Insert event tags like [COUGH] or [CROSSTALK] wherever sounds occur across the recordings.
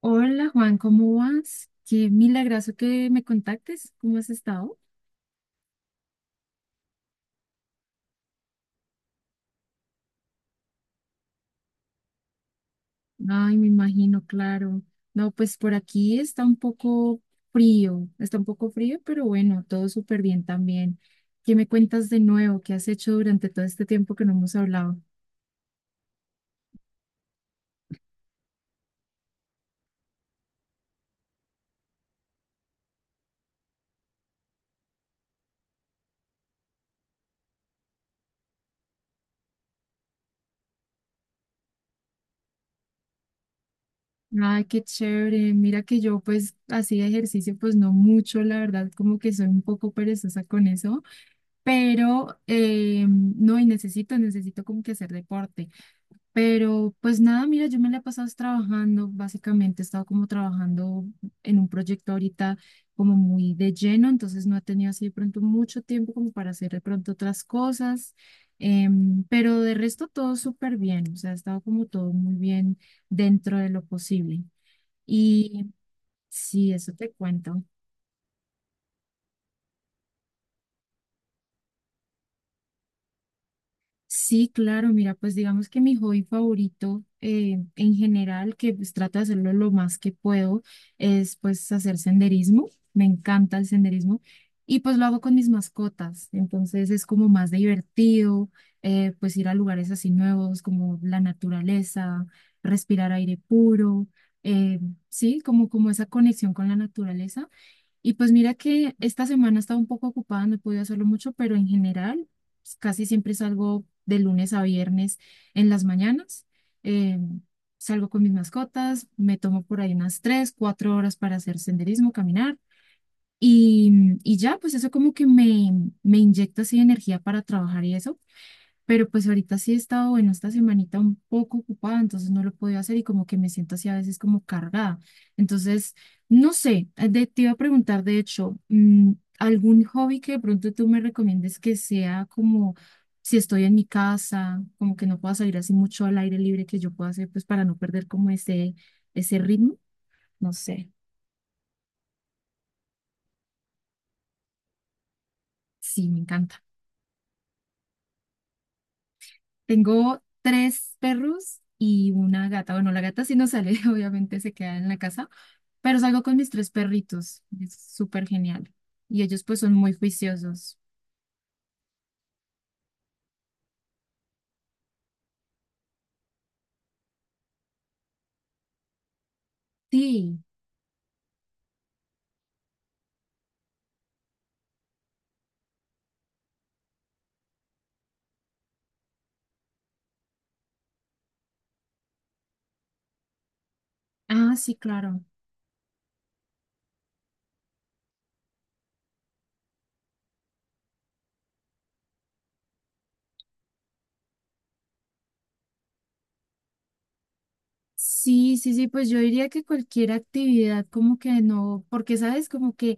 Hola Juan, ¿cómo vas? Qué milagroso que me contactes. ¿Cómo has estado? Ay, me imagino, claro. No, pues por aquí está un poco frío, pero bueno, todo súper bien también. ¿Qué me cuentas de nuevo? ¿Qué has hecho durante todo este tiempo que no hemos hablado? Ay, qué chévere. Mira que yo pues hacía ejercicio, pues no mucho, la verdad, como que soy un poco perezosa con eso, pero no, y necesito como que hacer deporte. Pero pues nada, mira, yo me la he pasado es trabajando, básicamente he estado como trabajando en un proyecto ahorita como muy de lleno, entonces no he tenido así de pronto mucho tiempo como para hacer de pronto otras cosas, pero de resto todo súper bien, o sea, ha estado como todo muy bien dentro de lo posible. Y sí, eso te cuento. Sí, claro, mira, pues digamos que mi hobby favorito en general, que pues trato de hacerlo lo más que puedo, es pues hacer senderismo. Me encanta el senderismo y pues lo hago con mis mascotas. Entonces es como más divertido, pues ir a lugares así nuevos como la naturaleza, respirar aire puro, eh, sí, como esa conexión con la naturaleza. Y pues mira que esta semana estaba un poco ocupada, no he podido hacerlo mucho, pero en general pues, casi siempre salgo de lunes a viernes en las mañanas. Eh, Salgo con mis mascotas, me tomo por ahí unas tres, cuatro horas para hacer senderismo, caminar. Y, y ya, pues eso como que me inyecta así energía para trabajar y eso. Pero pues ahorita sí he estado, bueno, esta semanita un poco ocupada, entonces no lo podía hacer y como que me siento así a veces como cargada. Entonces, no sé, te iba a preguntar, de hecho, algún hobby que de pronto tú me recomiendes que sea como si estoy en mi casa, como que no pueda salir así mucho al aire libre que yo pueda hacer, pues para no perder como ese ritmo. No sé, sí, me encanta. Tengo tres perros y una gata. Bueno, la gata sí no sale, [LAUGHS] obviamente se queda en la casa, pero salgo con mis tres perritos. Es súper genial. Y ellos pues son muy juiciosos. Sí, ah, sí, claro. Sí, sí, sí, pues yo diría que cualquier actividad como que no, porque sabes, como que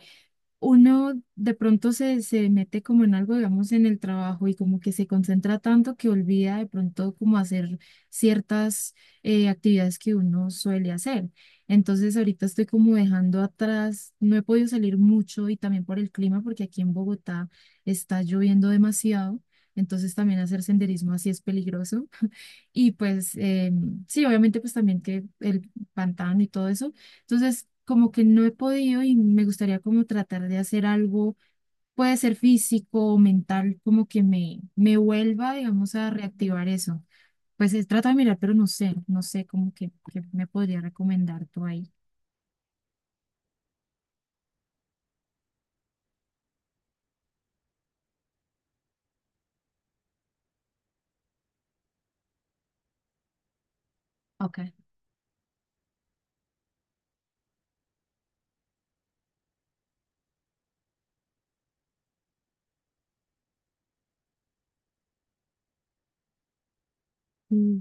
uno de pronto se mete como en algo, digamos, en el trabajo y como que se concentra tanto que olvida de pronto como hacer ciertas actividades que uno suele hacer. Entonces ahorita estoy como dejando atrás, no he podido salir mucho y también por el clima porque aquí en Bogotá está lloviendo demasiado. Entonces también hacer senderismo así es peligroso. [LAUGHS] Y pues sí, obviamente pues también que el pantano y todo eso, entonces, como que no he podido y me gustaría como tratar de hacer algo, puede ser físico o mental, como que me vuelva, digamos, a reactivar eso. Pues trato de mirar, pero no sé como que me podría recomendar tú ahí. Ok. Mm,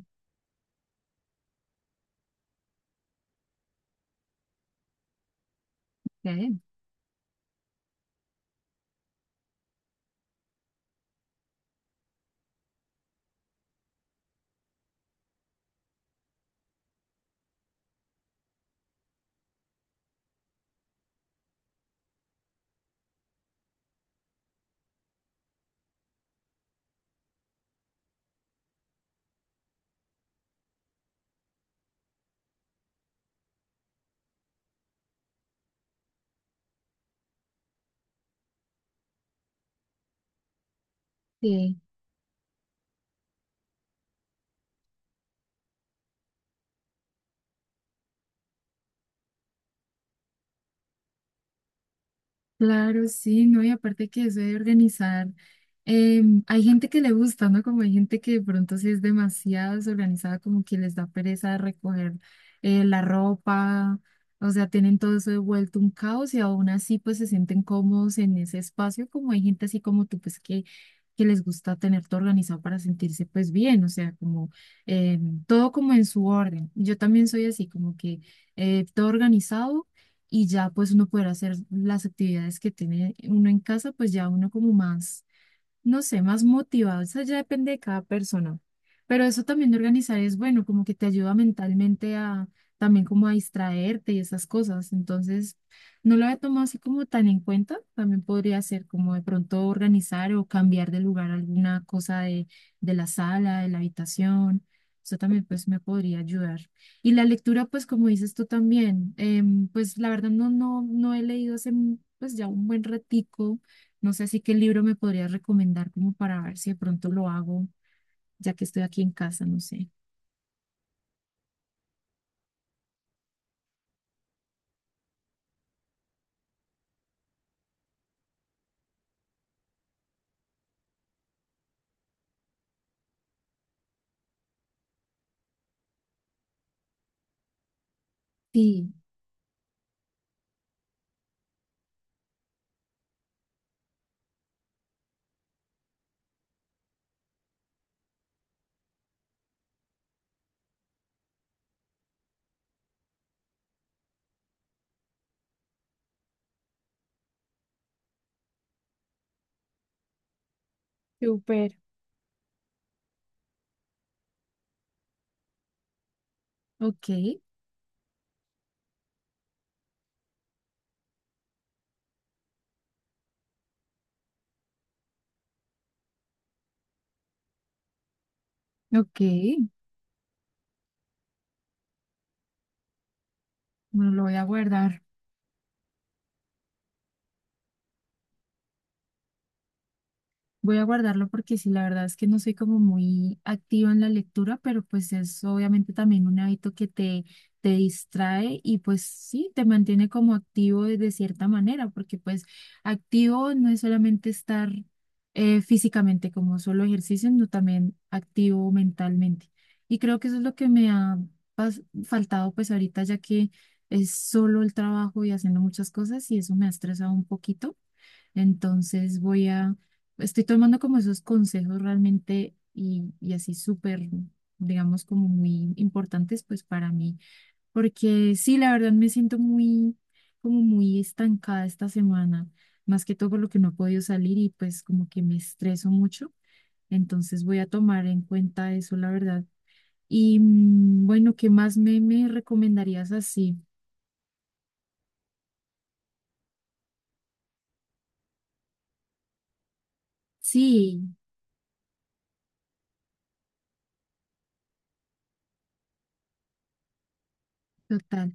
¿Qué? Claro, sí, ¿no? Y aparte que eso de organizar, hay gente que le gusta, ¿no? Como hay gente que de pronto sí es demasiado desorganizada, como que les da pereza recoger la ropa, o sea, tienen todo eso devuelto un caos y aún así pues se sienten cómodos en ese espacio, como hay gente así como tú, pues que les gusta tener todo organizado para sentirse pues bien, o sea, como todo como en su orden. Yo también soy así, como que todo organizado y ya pues uno poder hacer las actividades que tiene uno en casa, pues ya uno como más no sé, más motivado. Eso ya depende de cada persona. Pero eso también de organizar es bueno, como que te ayuda mentalmente a también como a distraerte y esas cosas. Entonces, no lo había tomado así como tan en cuenta. También podría ser como de pronto organizar o cambiar de lugar alguna cosa de la sala, de la habitación. Eso también pues me podría ayudar. Y la lectura, pues como dices tú también, pues la verdad no he leído hace pues ya un buen ratico no sé si qué libro me podrías recomendar como para ver si de pronto lo hago, ya que estoy aquí en casa, no sé. Sí, súper. Ok, ok, bueno, lo voy a guardar. Voy a guardarlo porque sí, la verdad es que no soy como muy activa en la lectura, pero pues es obviamente también un hábito que te distrae y pues sí, te mantiene como activo de cierta manera, porque pues activo no es solamente estar físicamente como solo ejercicio, sino también activo mentalmente. Y creo que eso es lo que me ha faltado pues ahorita, ya que es solo el trabajo y haciendo muchas cosas y eso me ha estresado un poquito entonces estoy tomando como esos consejos realmente y así súper, digamos, como muy importantes pues para mí, porque sí, la verdad me siento como muy estancada esta semana, más que todo por lo que no he podido salir y pues como que me estreso mucho. Entonces voy a tomar en cuenta eso, la verdad. Y bueno, ¿qué más me recomendarías así? Sí, total.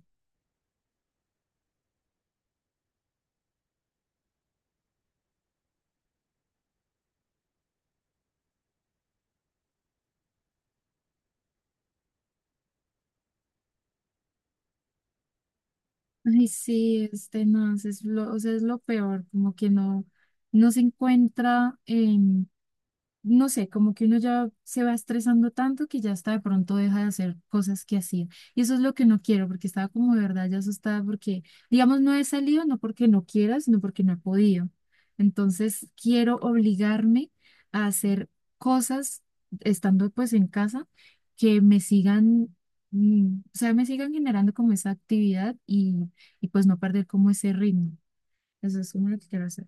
Ay, sí, este, no, o sea, es lo peor, como que no se encuentra, no sé, como que uno ya se va estresando tanto que ya hasta de pronto deja de hacer cosas que hacía. Y eso es lo que no quiero, porque estaba como de verdad ya asustada porque, digamos, no he salido, no porque no quiera, sino porque no he podido. Entonces, quiero obligarme a hacer cosas estando pues en casa que me sigan, o sea, me sigan generando como esa actividad y pues no perder como ese ritmo. Eso es como lo que quiero hacer.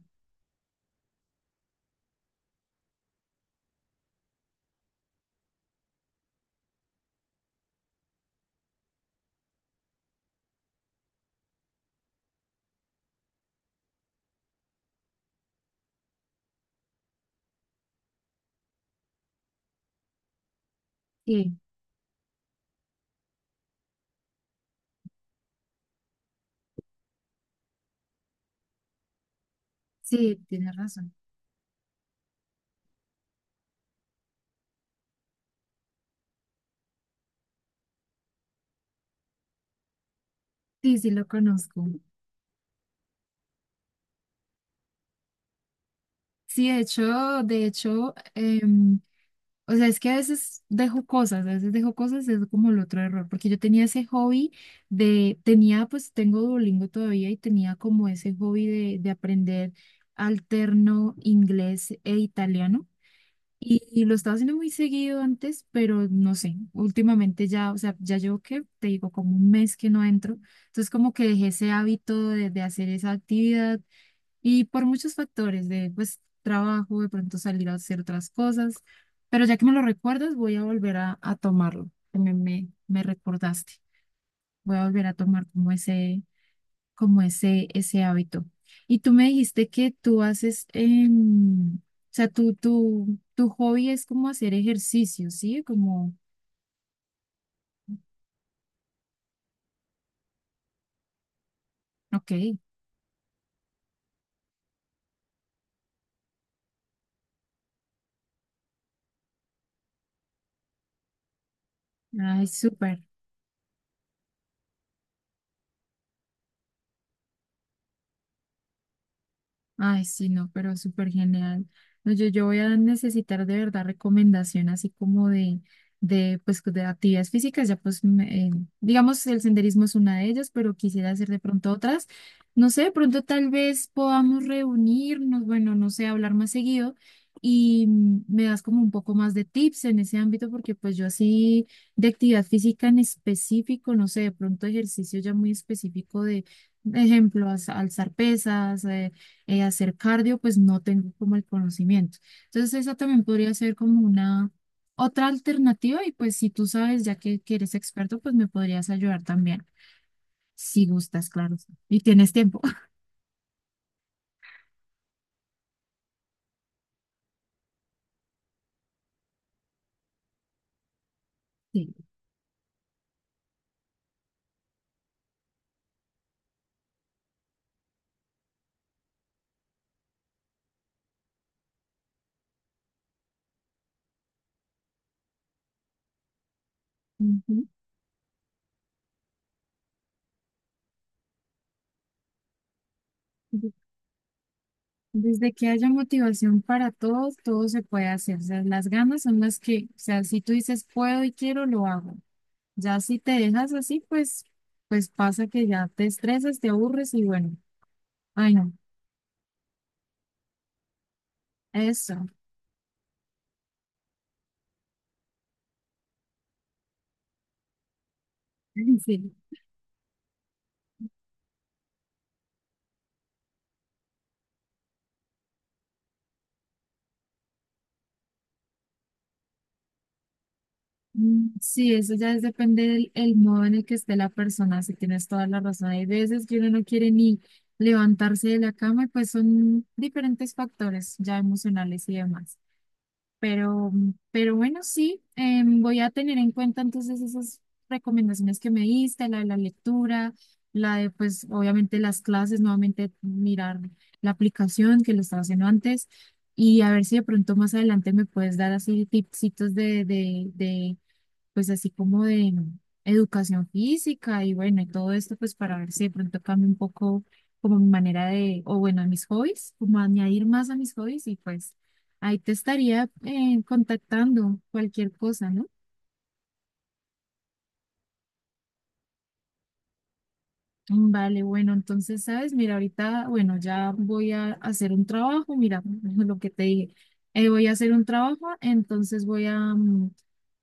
Sí, sí, tienes razón. Sí, sí, lo conozco. Sí, de hecho, o sea, es que a veces dejo cosas, es como el otro error, porque yo tenía ese hobby tenía, pues tengo Duolingo todavía y tenía como ese hobby de aprender alterno inglés e italiano. Y lo estaba haciendo muy seguido antes, pero no sé, últimamente ya, o sea, ya llevo que, te digo, como un mes que no entro. Entonces como que dejé ese hábito de hacer esa actividad y por muchos factores de, pues, trabajo, de pronto salir a hacer otras cosas, pero ya que me lo recuerdas, voy a volver a tomarlo, que me recordaste. Voy a volver a tomar ese hábito. Y tú me dijiste que tú haces, o sea, tu hobby es como hacer ejercicio, ¿sí? Ok, ay, súper. Ay, sí, no, pero súper genial. No, yo voy a necesitar de verdad recomendación así como de, pues, de actividades físicas. Ya pues, digamos, el senderismo es una de ellas, pero quisiera hacer de pronto otras. No sé, de pronto tal vez podamos reunirnos, bueno, no sé, hablar más seguido y me das como un poco más de tips en ese ámbito porque pues yo así de actividad física en específico, no sé, de pronto ejercicio ya muy específico de... Ejemplo, alzar pesas, hacer cardio, pues no tengo como el conocimiento. Entonces, esa también podría ser como una otra alternativa y pues si tú sabes, ya que eres experto, pues me podrías ayudar también, si gustas, claro. Y tienes tiempo. [LAUGHS] Sí. Ujú. De- Desde que haya motivación para todo, todo se puede hacer. O sea, las ganas son las que, o sea, si tú dices puedo y quiero, lo hago. Ya si te dejas así, pues pasa que ya te estresas, te aburres y bueno, ay no, eso, [LAUGHS] sí. Sí, eso ya depende del el modo en el que esté la persona, si tienes toda la razón. Hay veces que uno no quiere ni levantarse de la cama y pues son diferentes factores ya emocionales y demás. Pero bueno, sí, voy a tener en cuenta entonces esas recomendaciones que me diste, la de la lectura, la de pues obviamente las clases, nuevamente mirar la aplicación que lo estaba haciendo antes y a ver si de pronto más adelante me puedes dar así tipsitos de pues así como de educación física y bueno, y todo esto, pues para ver si de pronto cambia un poco como mi manera o bueno, mis hobbies, como añadir más a mis hobbies y pues ahí te estaría contactando cualquier cosa, ¿no? Vale, bueno, entonces, ¿sabes? Mira, ahorita, bueno, ya voy a hacer un trabajo, mira, [LAUGHS] lo que te dije, voy a hacer un trabajo, entonces voy a, mm,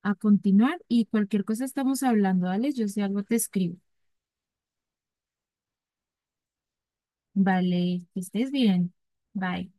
a continuar y cualquier cosa estamos hablando, ¿vale? Yo si algo te escribo. Vale, que estés bien. Bye.